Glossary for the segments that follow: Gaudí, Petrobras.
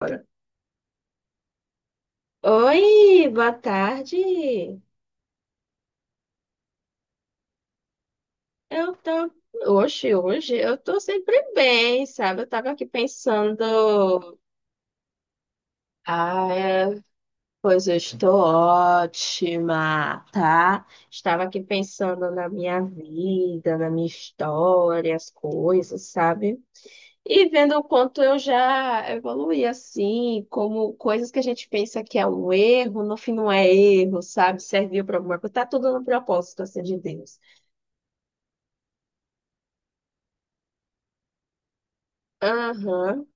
Olha, oi, boa tarde. Eu tô hoje, hoje eu tô sempre bem, sabe? Eu tava aqui pensando, ah, é, pois eu estou ótima, tá? Estava aqui pensando na minha vida, na minha história, as coisas, sabe? E vendo o quanto eu já evoluí assim, como coisas que a gente pensa que é um erro, no fim não é erro, sabe? Serviu para alguma coisa, tá tudo no propósito assim de Deus. Aham,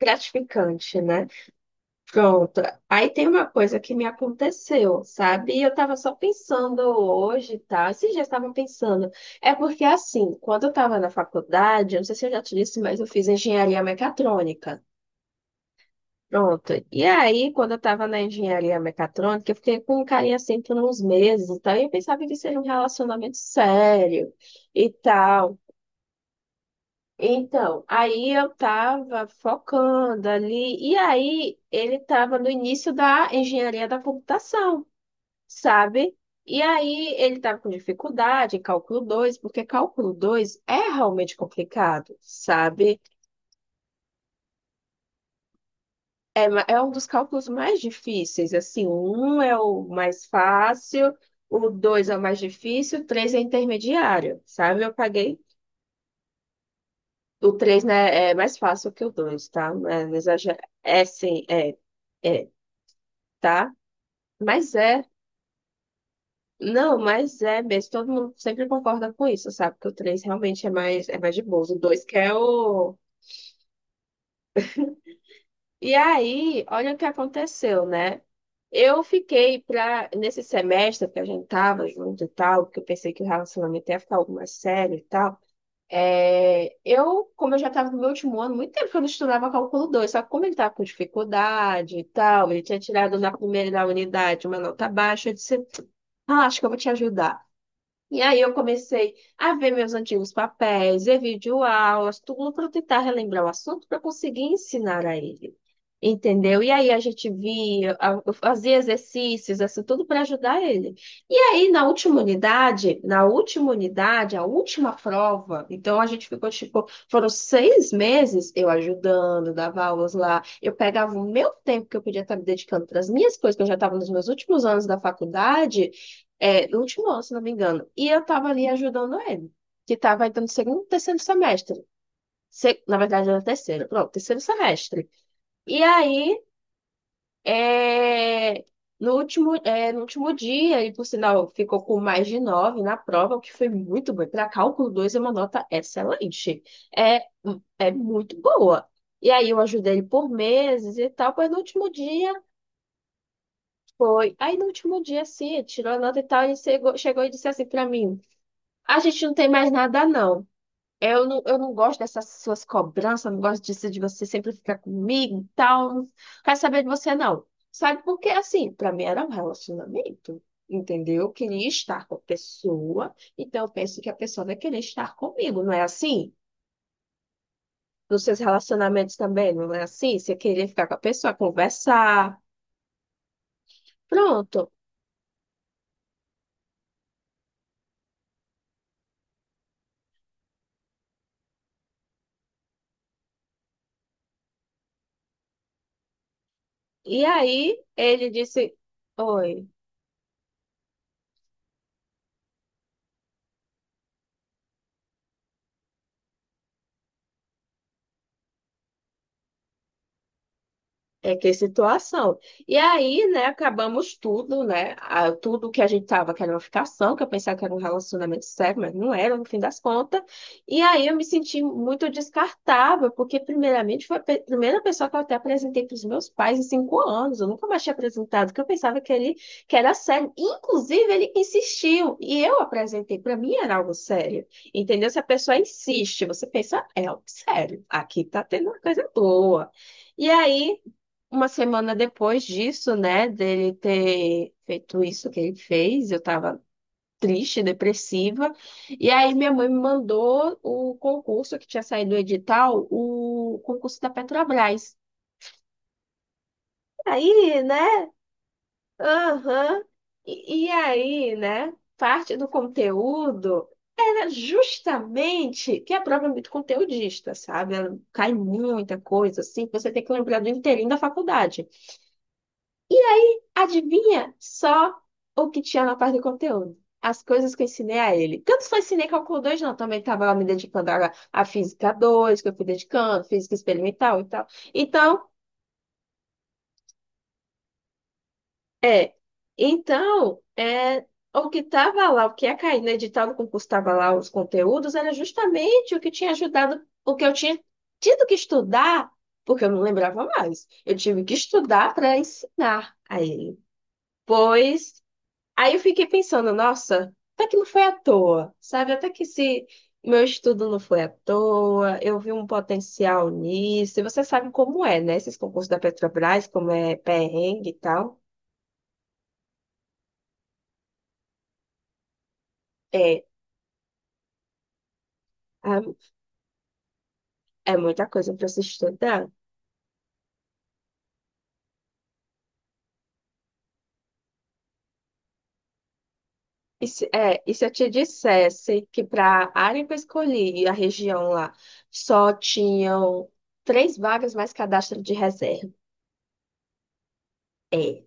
gratificante, né? Pronto. Aí tem uma coisa que me aconteceu, sabe? E eu tava só pensando hoje, tá? Esses dias estavam pensando. É porque, assim, quando eu tava na faculdade, eu não sei se eu já te disse, mas eu fiz engenharia mecatrônica. Pronto. E aí, quando eu tava na engenharia mecatrônica, eu fiquei com um carinha assim por uns meses e tal. E eu pensava que seria um relacionamento sério e tal. Então, aí eu tava focando ali, e aí ele tava no início da engenharia da computação, sabe? E aí ele tava com dificuldade em cálculo 2 porque cálculo 2 é realmente complicado, sabe? É, é um dos cálculos mais difíceis, assim, o 1 é o mais fácil, o 2 é o mais difícil, o 3 é intermediário, sabe? Eu paguei, o 3 né, é mais fácil que o dois, tá? É, não exagera- é sim, é. É, tá? Mas é, não, mas é mesmo. Todo mundo sempre concorda com isso, sabe? Que o 3 realmente é mais de boas. O 2 que é o. E aí, olha o que aconteceu, né? Eu fiquei pra, nesse semestre que a gente tava junto e tal, porque eu pensei que o relacionamento ia ficar algo mais sério e tal. É, eu, como eu já estava no meu último ano, muito tempo que eu não estudava cálculo dois, só que como ele estava com dificuldade e tal, ele tinha tirado na primeira da unidade uma nota baixa, eu disse, ah, acho que eu vou te ajudar. E aí eu comecei a ver meus antigos papéis, ver videoaulas, tudo para tentar relembrar o assunto para conseguir ensinar a ele. Entendeu? E aí a gente via, eu fazia exercícios, assim, tudo para ajudar ele. E aí na última unidade, a última prova, então a gente ficou tipo, foram 6 meses eu ajudando, dava aulas lá, eu pegava o meu tempo que eu podia estar me dedicando para as minhas coisas, que eu já estava nos meus últimos anos da faculdade. É, no último ano, se não me engano. E eu tava ali ajudando ele, que tava entrando no segundo, terceiro semestre. Na verdade, era terceiro, pronto, terceiro semestre. E aí, é, no último dia, ele, por sinal, ficou com mais de nove na prova, o que foi muito bom. Para cálculo 2 é uma nota excelente. É, é muito boa. E aí, eu ajudei ele por meses e tal, mas no último dia. Foi. Aí no último dia, assim, ele tirou a nota e tal, ele chegou, chegou e disse assim para mim. A gente não tem mais nada, não. Eu não gosto dessas suas cobranças, não gosto disso de você sempre ficar comigo e tal. Não quero saber de você, não. Sabe por quê? Assim, pra mim era um relacionamento, entendeu? Eu queria estar com a pessoa, então eu penso que a pessoa vai querer estar comigo, não é assim? Nos seus relacionamentos também, não é assim? Você queria ficar com a pessoa, conversar, pronto. E aí ele disse: oi. É que é situação. E aí, né, acabamos tudo, né? Tudo que a gente tava, que era uma ficação, que eu pensava que era um relacionamento sério, mas não era, no fim das contas. E aí eu me senti muito descartável, porque primeiramente foi primeira pessoa que eu até apresentei para os meus pais em 5 anos. Eu nunca mais tinha apresentado, porque eu pensava que ele que era sério. Inclusive, ele insistiu. E eu apresentei, para mim era algo sério. Entendeu? Se a pessoa insiste, você pensa, é algo sério. Aqui tá tendo uma coisa boa. E aí. Uma semana depois disso, né, dele ter feito isso que ele fez, eu tava triste, depressiva. E aí minha mãe me mandou o concurso que tinha saído do edital, o concurso da Petrobras. Aí, né? Aham. E aí, né? Parte do conteúdo era justamente que a prova é muito conteudista, sabe? Ela cai muita coisa, assim, que você tem que lembrar do inteirinho da faculdade. Adivinha só o que tinha na parte do conteúdo. As coisas que eu ensinei a ele. Que eu não só ensinei cálculo 2, não. Também estava lá me dedicando a à física 2, que eu fui dedicando, física experimental e tal. Então, é. Então, é, o que estava lá, o que ia cair no edital do concurso, estava lá os conteúdos, era justamente o que tinha ajudado, o que eu tinha tido que estudar, porque eu não lembrava mais. Eu tive que estudar para ensinar a ele. Pois aí eu fiquei pensando, nossa, até que não foi à toa, sabe? Até que se meu estudo não foi à toa, eu vi um potencial nisso. E você sabe como é, né? Esses concursos da Petrobras, como é perrengue e tal. É, ah, é muita coisa para se estudar. E se, é, e se eu te dissesse que para a área que eu escolhi, a região lá, só tinham 3 vagas mais cadastro de reserva? É.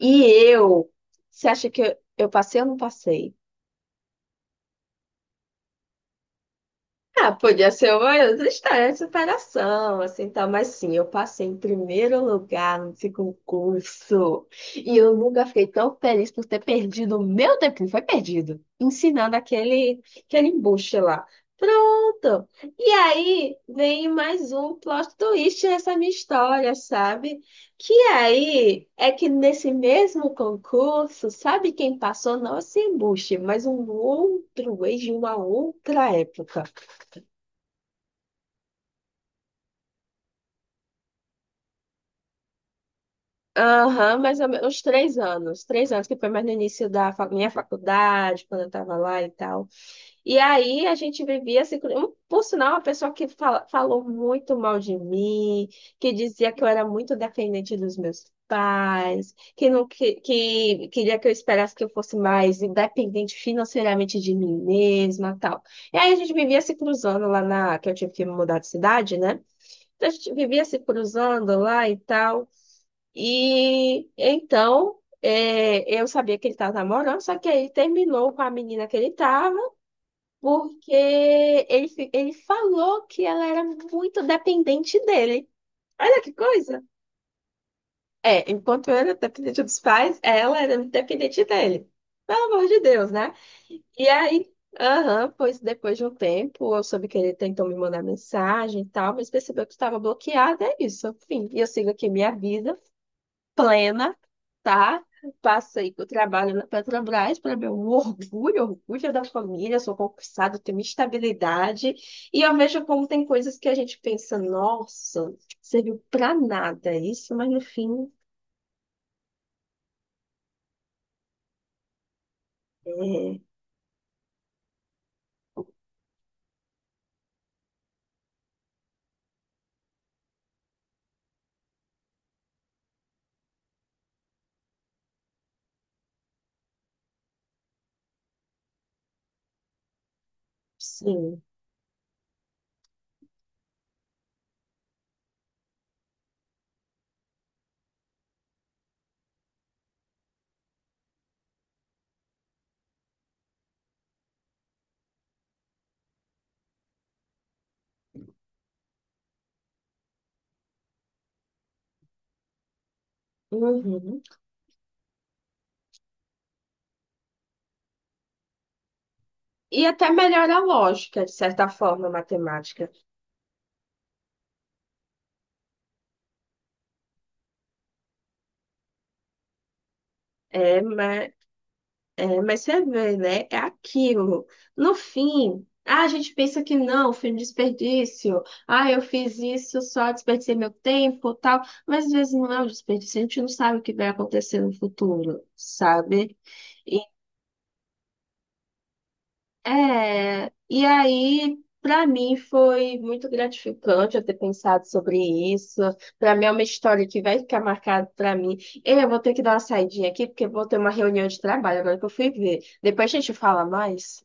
E eu, você acha que eu passei ou não passei? Ah, podia ser uma outra história de superação, assim, tal. Mas sim, eu passei em primeiro lugar nesse concurso. E eu nunca fiquei tão feliz por ter perdido o meu tempo, que não foi perdido, ensinando aquele embuste lá. Pronto! E aí vem mais um plot twist nessa minha história, sabe? Que aí é que nesse mesmo concurso, sabe quem passou? Não esse embuste, mas um outro ex de uma outra época. Aham, mais ou menos, uns 3 anos. 3 anos, que foi mais no início da minha faculdade, quando eu estava lá e tal. E aí a gente vivia assim. Por sinal, uma pessoa que falou muito mal de mim, que dizia que eu era muito dependente dos meus pais, que, não, que queria que eu esperasse que eu fosse mais independente financeiramente de mim mesma tal. E aí a gente vivia se cruzando lá na. Que eu tive que me mudar de cidade, né? Então a gente vivia se cruzando lá e tal. E então, é, eu sabia que ele estava namorando, só que aí ele terminou com a menina que ele estava, porque ele, ele falou que ela era muito dependente dele. Olha que coisa! É, enquanto eu era dependente dos pais, ela era dependente dele. Pelo amor de Deus, né? E aí, aham, pois depois de um tempo, eu soube que ele tentou me mandar mensagem e tal, mas percebeu que estava bloqueada, é isso, enfim. E eu sigo aqui minha vida plena, tá? Passei pro trabalho na Petrobras, para meu orgulho, orgulho da família, sou concursada, tenho minha estabilidade. E eu vejo como tem coisas que a gente pensa, nossa, serviu para nada isso, mas no fim, é, sim. Uhum. E até melhora a lógica, de certa forma, a matemática. É, mas é, mas você vê, né? É aquilo. No fim, ah, a gente pensa que não, foi um desperdício. Ah, eu fiz isso, só desperdicei meu tempo, tal. Mas às vezes não é um desperdício, a gente não sabe o que vai acontecer no futuro, sabe? E, é, e aí, para mim, foi muito gratificante eu ter pensado sobre isso. Para mim, é uma história que vai ficar marcada para mim. Eu vou ter que dar uma saidinha aqui, porque eu vou ter uma reunião de trabalho agora que eu fui ver. Depois a gente fala mais.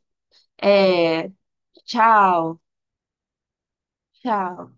É, tchau, tchau.